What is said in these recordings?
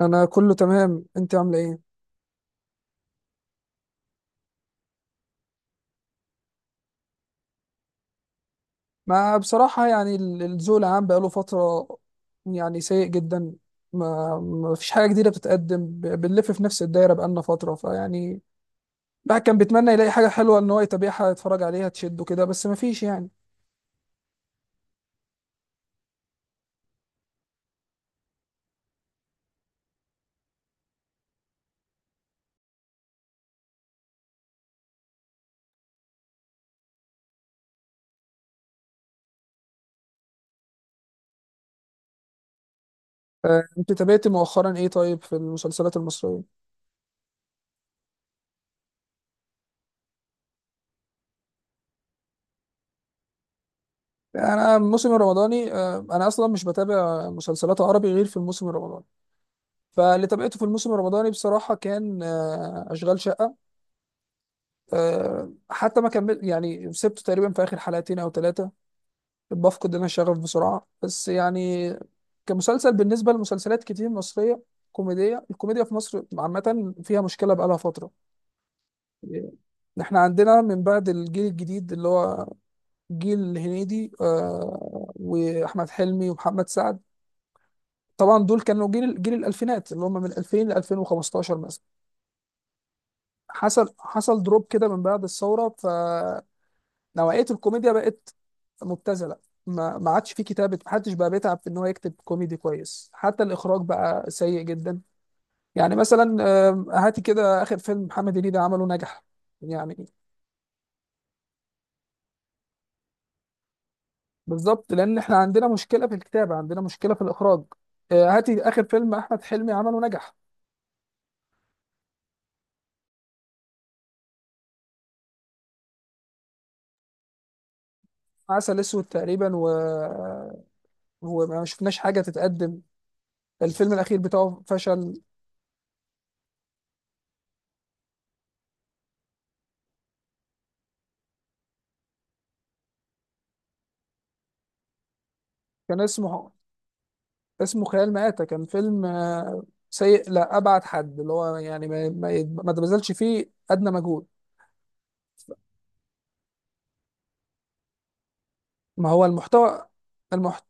انا كله تمام، انت عامله ايه؟ ما بصراحه يعني الذوق العام بقاله فتره، يعني سيء جدا. ما فيش حاجه جديده بتتقدم، بنلف في نفس الدايره بقالنا فتره، فيعني الواحد كان بيتمنى يلاقي حاجه حلوه ان هو يتابعها، يتفرج عليها، تشده كده، بس ما فيش يعني. انت تابعتي مؤخرا ايه طيب في المسلسلات المصريه؟ يعني انا الموسم الرمضاني، انا اصلا مش بتابع مسلسلات عربي غير في الموسم الرمضاني. فاللي تابعته في الموسم الرمضاني بصراحه كان، اشغال شقه. حتى ما كمل، يعني سبته تقريبا في اخر حلقتين او ثلاثه. بفقد انا الشغف بسرعه بس يعني، كمسلسل بالنسبه لمسلسلات كتير مصريه كوميديه. الكوميديا في مصر عامه فيها مشكله بقالها فتره. احنا عندنا من بعد الجيل الجديد اللي هو جيل هنيدي، واحمد حلمي ومحمد سعد. طبعا دول كانوا جيل الالفينات اللي هم من 2000 ل 2015 مثلا. حصل دروب كده من بعد الثوره، ف نوعية الكوميديا بقت مبتذلة. ما عادش في كتابة، محدش بقى بيتعب في ان هو يكتب كوميدي كويس، حتى الاخراج بقى سيء جدا. يعني مثلا، هاتي كده اخر فيلم محمد هنيدي عمله نجح، يعني. بالظبط، لان احنا عندنا مشكلة في الكتابة، عندنا مشكلة في الاخراج. هاتي اخر فيلم احمد حلمي عمله نجح. عسل اسود تقريبا و، وما شفناش حاجة تتقدم. الفيلم الاخير بتاعه فشل. كان اسمه خيال مآتة. كان فيلم، سيء لا أبعد حد، اللي هو يعني ما تبذلش فيه أدنى مجهود. ما هو المحتوى. المحت...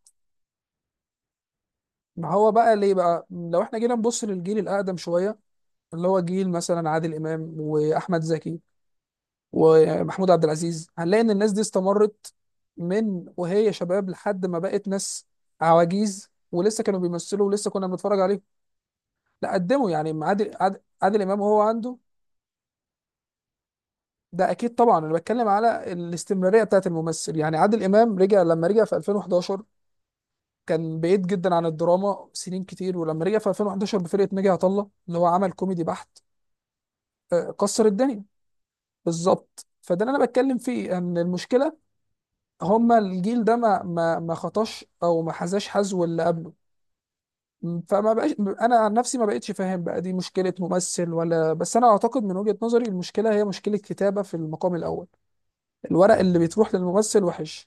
ما هو بقى ليه بقى، لو احنا جينا نبص للجيل الأقدم شوية، اللي هو جيل مثلا عادل إمام وأحمد زكي ومحمود عبد العزيز، هنلاقي إن الناس دي استمرت من وهي شباب لحد ما بقت ناس عواجيز، ولسه كانوا بيمثلوا ولسه كنا بنتفرج عليهم. لا قدموا، يعني عادل إمام وهو عنده. ده اكيد طبعا، انا بتكلم على الاستمراريه بتاعت الممثل. يعني عادل امام رجع، لما رجع في 2011 كان بعيد جدا عن الدراما سنين كتير. ولما رجع في 2011 بفرقه ناجي عطا الله اللي هو عمل كوميدي بحت، كسر الدنيا. بالظبط، فده اللي انا بتكلم فيه، ان المشكله هما الجيل ده ما خطاش او ما حذاش حذو اللي قبله. فما بقاش. انا عن نفسي ما بقتش فاهم بقى دي مشكله ممثل ولا، بس انا اعتقد من وجهه نظري المشكله هي مشكله كتابه في المقام الاول. الورق اللي بتروح للممثل وحش.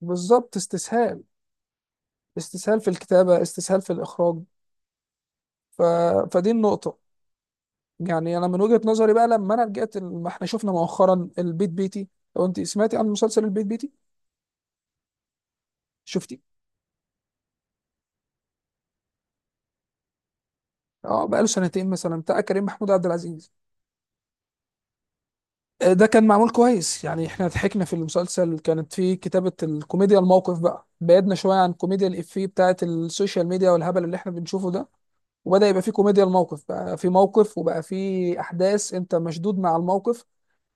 بالظبط، استسهال، استسهال في الكتابة، استسهال في الإخراج. ف... فدي النقطة. يعني أنا من وجهة نظري بقى، لما أنا رجعت ما إحنا شفنا مؤخرا البيت بيتي. لو أنت سمعتي عن مسلسل البيت بيتي، شفتي؟ أه، بقى له سنتين مثلا، بتاع كريم محمود عبد العزيز. ده كان معمول كويس، يعني إحنا ضحكنا في المسلسل، كانت فيه كتابة الكوميديا الموقف، بقى بعدنا شوية عن كوميديا الإفيه بتاعة السوشيال ميديا والهبل اللي إحنا بنشوفه ده. وبدأ يبقى فيه كوميديا الموقف، بقى في موقف وبقى فيه أحداث أنت مشدود مع الموقف.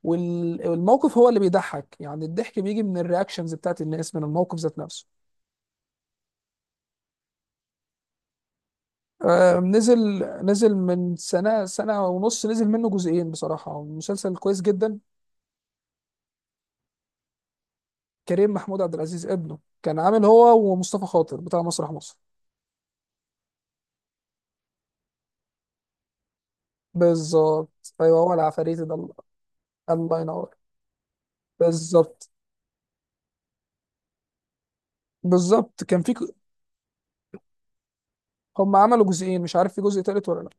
والموقف هو اللي بيضحك، يعني الضحك بيجي من الرياكشنز بتاعت الناس، من الموقف ذات نفسه. آه، نزل نزل من سنة، سنة ونص. نزل منه جزئين، بصراحة مسلسل كويس جدا. كريم محمود عبد العزيز ابنه، كان عامل هو ومصطفى خاطر بتاع مسرح مصر. بالظبط، ايوه هو العفاريت ده، الله. الله ينور. بالظبط، بالظبط كان في هم عملوا جزئين، مش عارف في جزء تالت ولا لا.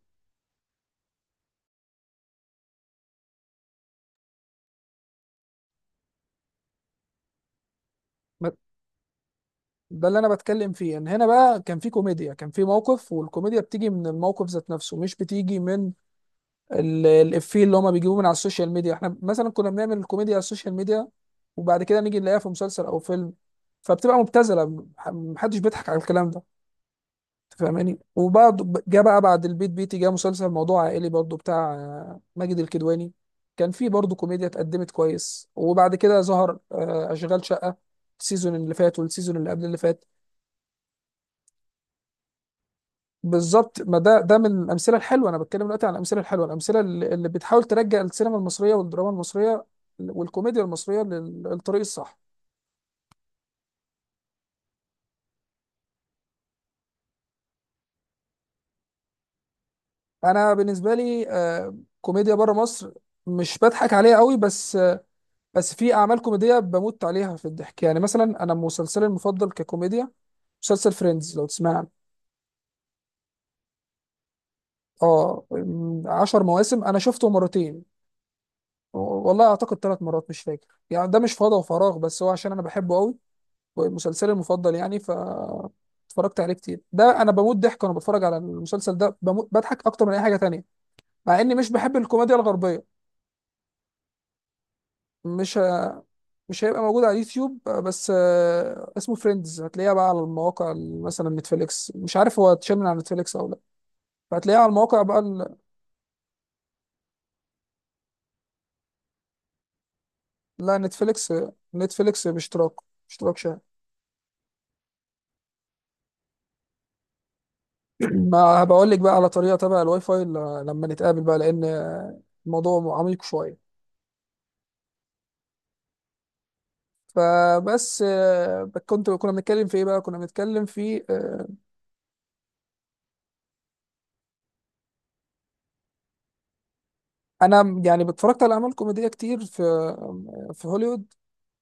ما- ده اللي انا بتكلم فيه، ان هنا بقى كان في كوميديا، كان في موقف، والكوميديا بتيجي من الموقف ذات نفسه، مش بتيجي من الإفيه اللي هما بيجيبوه من على السوشيال ميديا. احنا مثلا كنا بنعمل الكوميديا على السوشيال ميديا، وبعد كده نيجي نلاقيها في مسلسل او فيلم، فبتبقى مبتذله. محدش بيضحك على الكلام ده. أنت فاهماني؟ وبعد جه بقى، بعد البيت بيتي جه مسلسل موضوع عائلي برضو بتاع ماجد الكدواني. كان فيه برضو كوميديا، اتقدمت كويس. وبعد كده ظهر اشغال شقه، السيزون اللي فات والسيزون اللي قبل اللي فات. بالظبط، ما ده من الامثله الحلوه. انا بتكلم دلوقتي عن الامثله الحلوه، الامثله اللي بتحاول ترجع السينما المصريه والدراما المصريه والكوميديا المصريه للطريق الصح. انا بالنسبه لي، كوميديا بره مصر مش بضحك عليها قوي، بس، بس في اعمال كوميديه بموت عليها في الضحك. يعني مثلا انا مسلسلي المفضل ككوميديا، مسلسل فريندز، لو تسمع عنه. اه، 10 مواسم، انا شفته مرتين، والله اعتقد ثلاث مرات مش فاكر يعني. ده مش فضا وفراغ، بس هو عشان انا بحبه قوي، مسلسلي المفضل يعني. ف اتفرجت عليه كتير، ده انا بموت ضحك وانا بتفرج على المسلسل ده، بموت بضحك اكتر من اي حاجه تانية، مع اني مش بحب الكوميديا الغربيه. مش ه- مش هيبقى موجود على اليوتيوب بس، اسمه فريندز، هتلاقيها بقى على المواقع، مثلا نتفليكس، مش عارف هو اتشال من على نتفليكس او لا. فهتلاقيها على المواقع بقى ال. لا، نتفليكس، نتفليكس باشتراك، اشتراك شهري. ما بقول لك بقى على طريقه تبع الواي فاي، لما نتقابل بقى، لان الموضوع عميق شويه. فبس، كنا بنتكلم في ايه بقى؟ كنا بنتكلم في، انا يعني اتفرجت على اعمال كوميديه كتير في، في هوليوود،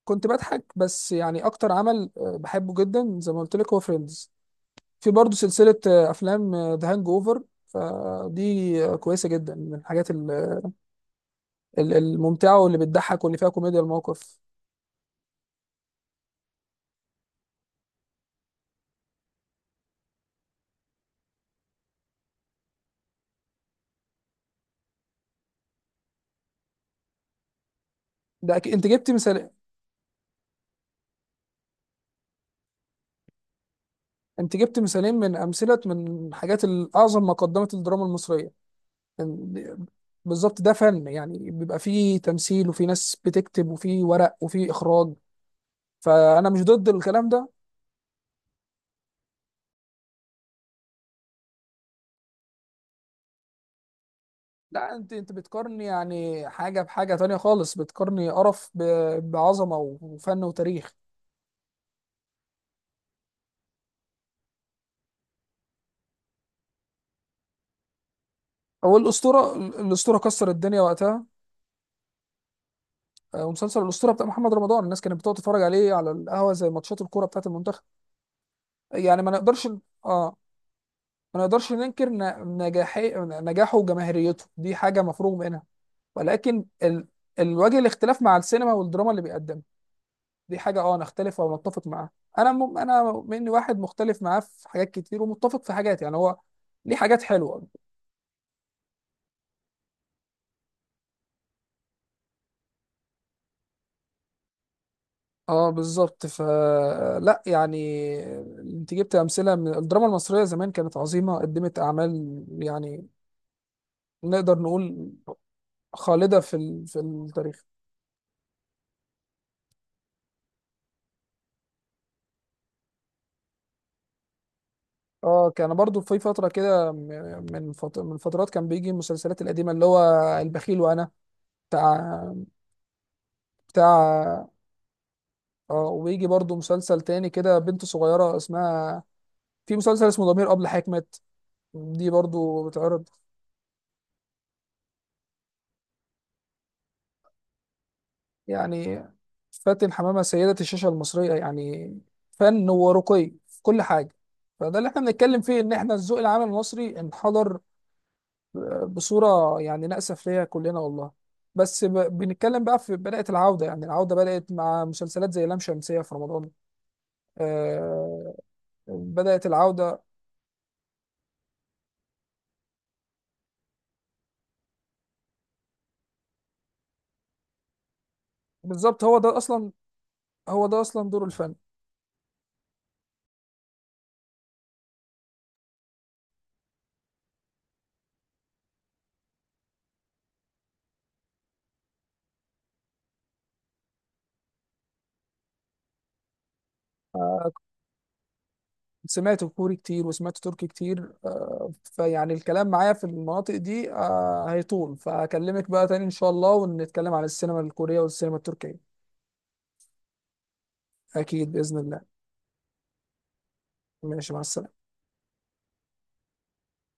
كنت بضحك بس يعني. اكتر عمل بحبه جدا زي ما قلت لك هو فريندز. في برضه سلسله افلام ذا هانج اوفر، فدي كويسه جدا من الحاجات الممتعه واللي بتضحك واللي فيها كوميديا الموقف. ده أكيد، انت جبت مثال. انت جبت مثالين من امثله، من حاجات الاعظم ما قدمت الدراما المصريه. بالظبط، ده فن يعني، بيبقى فيه تمثيل وفي ناس بتكتب وفي ورق وفي اخراج، فانا مش ضد الكلام ده. لا انت، انت بتقارني يعني حاجه بحاجه تانية خالص، بتقارني قرف بعظمه وفن وتاريخ. هو الاسطوره، الاسطوره كسر الدنيا وقتها. ومسلسل الاسطوره بتاع محمد رمضان، الناس كانت بتقعد تتفرج عليه على القهوه زي ماتشات الكوره بتاعت المنتخب، يعني ما نقدرش. اه، ما نقدرش ننكر ن- نجاحي نجاحه وجماهيريته، دي حاجة مفروغ منها. ولكن ال، الوجه، الاختلاف مع السينما والدراما اللي بيقدمها، دي حاجة اه نختلف او نتفق معاها. انا مني واحد مختلف معاه في حاجات كتير ومتفق في حاجات، يعني هو ليه حاجات حلوة. اه بالظبط، ف لا يعني، انت جبت امثلة من الدراما المصرية زمان، كانت عظيمة، قدمت اعمال يعني نقدر نقول خالدة في ال، في التاريخ. اه كان برضو في فترة كده، من من فترات كان بيجي المسلسلات القديمة اللي هو البخيل وأنا، بتاع، بتاع، اه. ويجي برضو مسلسل تاني كده بنت صغيرة اسمها، في مسلسل اسمه ضمير أبلة حكمت، دي برضو بتعرض. يعني فاتن حمامة سيدة الشاشة المصرية يعني، فن ورقي في كل حاجة. فده اللي احنا بنتكلم فيه، ان احنا الذوق العام المصري انحدر بصورة يعني نأسف ليها كلنا، والله. بس، بنتكلم بقى، في بدأت العودة، يعني العودة بدأت مع مسلسلات زي لام شمسية في رمضان. آه... بدأت العودة. بالظبط، هو ده أصلا، هو ده أصلا دور الفن. سمعت كوري كتير وسمعت تركي كتير، فيعني الكلام معايا في المناطق دي هيطول. فأكلمك بقى تاني إن شاء الله، ونتكلم عن السينما الكورية والسينما التركية. أكيد بإذن الله. ماشي، مع السلامة.